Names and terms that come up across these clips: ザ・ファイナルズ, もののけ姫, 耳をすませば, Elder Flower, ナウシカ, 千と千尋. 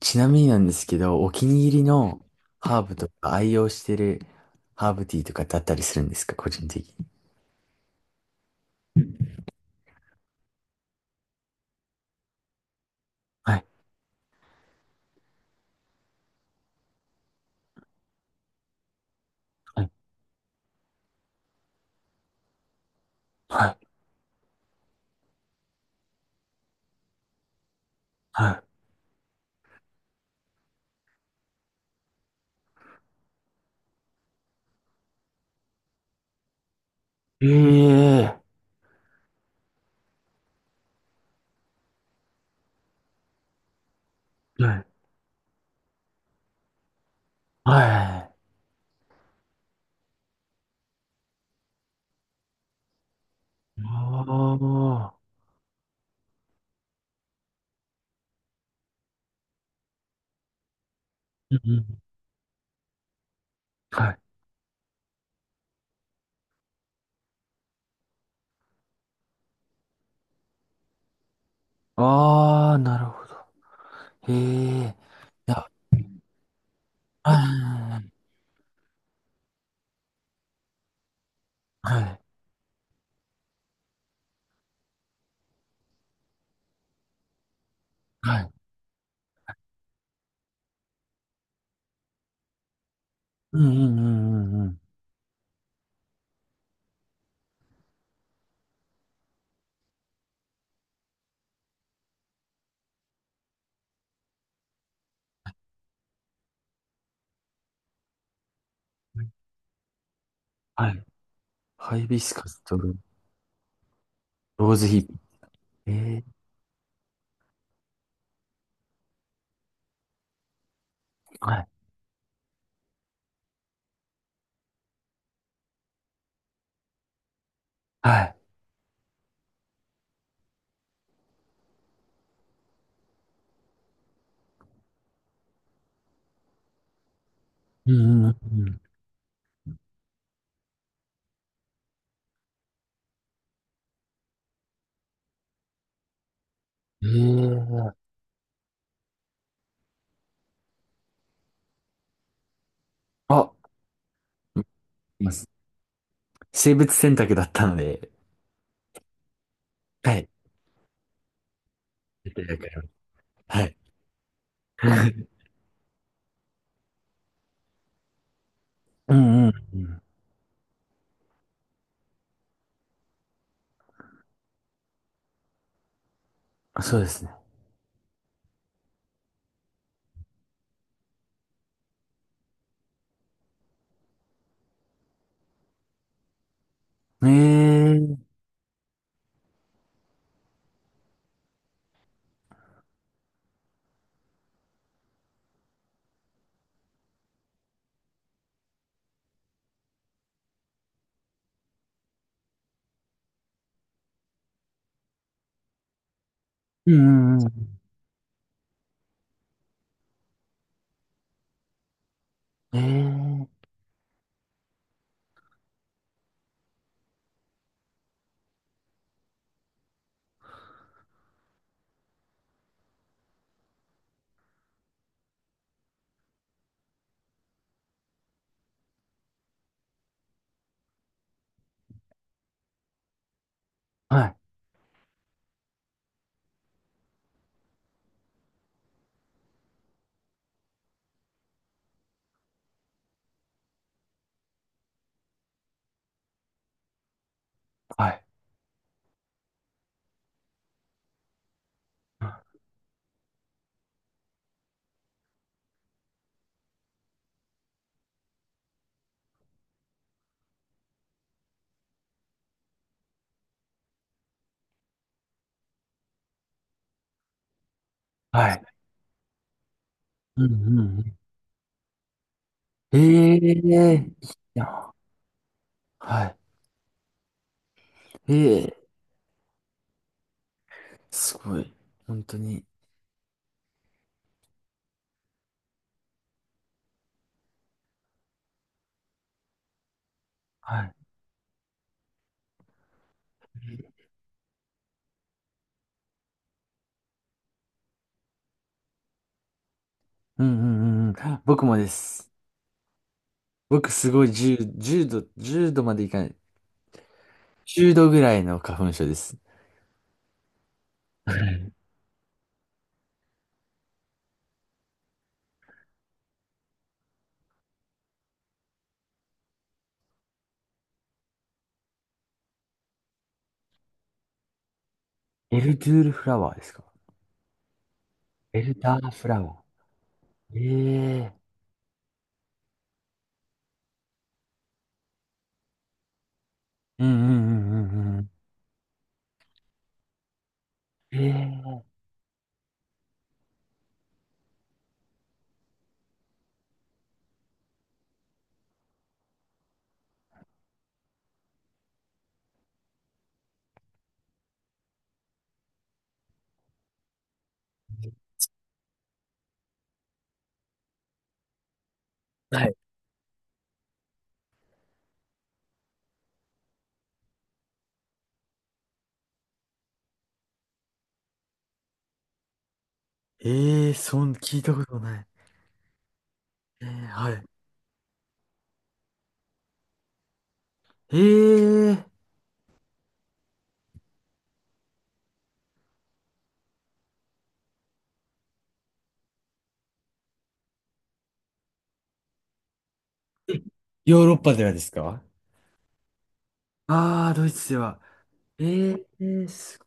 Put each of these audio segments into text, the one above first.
ちなみになんですけど、お気に入りのハーブとか愛用してるハーブティーとかだったりするんですか、個人的に。はい、はい、はい、はい。ええ、はい。はい。ああ、うんうん。はい。ああ、なるほど。へえ。いや、はい、はい、はい。うんうんうんうんうん。はい。ハイビスカスとローズヒップ。ええ、はい、はい。うんうんうんうん。ええ、あ、うん、生物選択だったので、はい。絶対わかります。はい。うんうんうん。そうですね。ええー。うんうんうん。ええー。はい。はい。はい。うんうんうん。ええー。いや、はい。ええー。すごい。本当に。はい。うんうんうんうん。僕もです。僕すごい10度、1度までいかない。10度ぐらいの花粉症です。はい。エルドゥールフラワーですか？エルダーフラワー。ええ、うんうんうんうんうん。ええー、はい。ええー、聞いたことない。ええ、はい。ええーヨーロッパではですか？ああー、ドイツでは。えーえー、す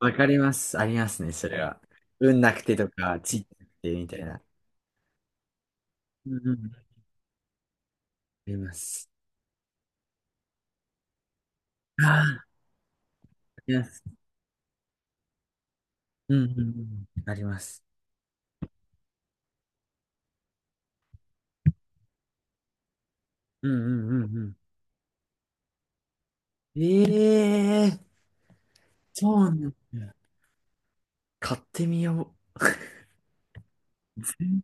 わかります。ありますね、それは。運なくてとか、地域なくてみたいな。うんうん。あります。ああ、あります。うんうんうん。あります。うんうんうんうん。ええー、そうなんだ。買ってみよう。全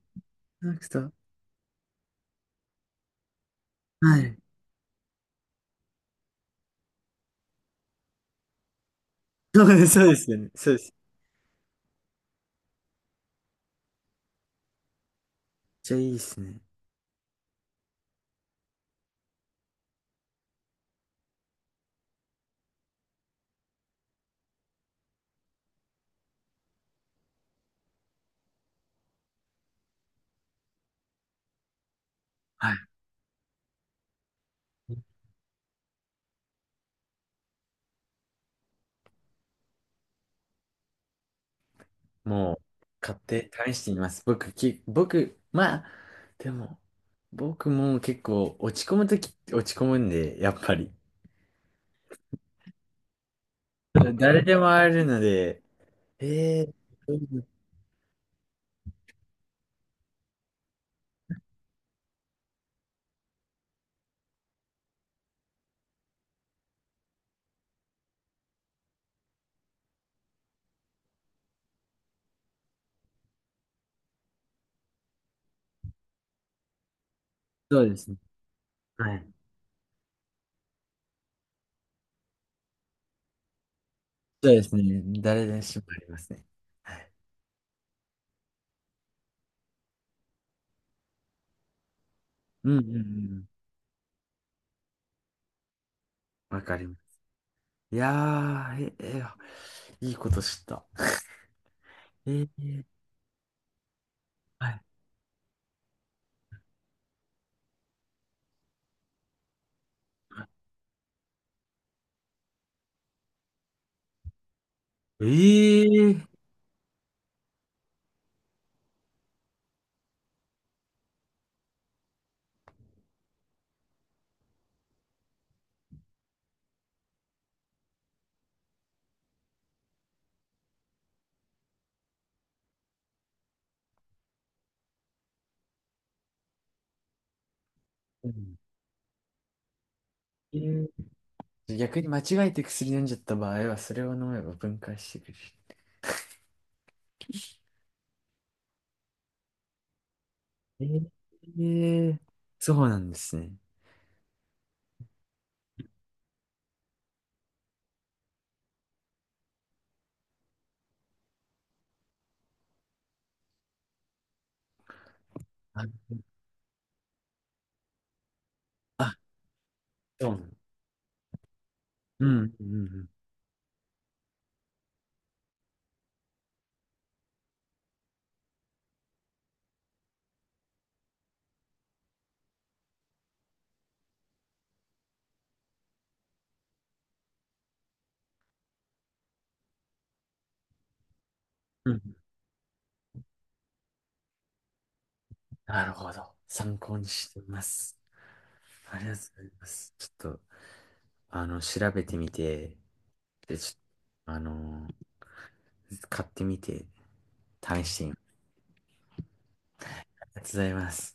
然なくた。はい。そうです、そうですよね。そうです。ちゃいいですね。はい。もう、買って試してみます。僕、まあ、でも、僕も結構落ち込むとき落ち込むんで、やっぱり。誰でもあるので、えー、そうですね。はい。そうですね。誰でしもありますね。うんうんうん。わかります。いやー、いいこと知った。えー、はい。えー、うん、えー逆に間違えて薬飲んじゃった場合は、それを飲めば分解してくれる。えー、えそうなんですね。あ、あ、そうなん、うん、うん、うん。うん、なるほど。参考にしています。ありがとうございます。ちょっと、調べてみて、で、ちょっと、買ってみて、試してみます。ありがとうございます。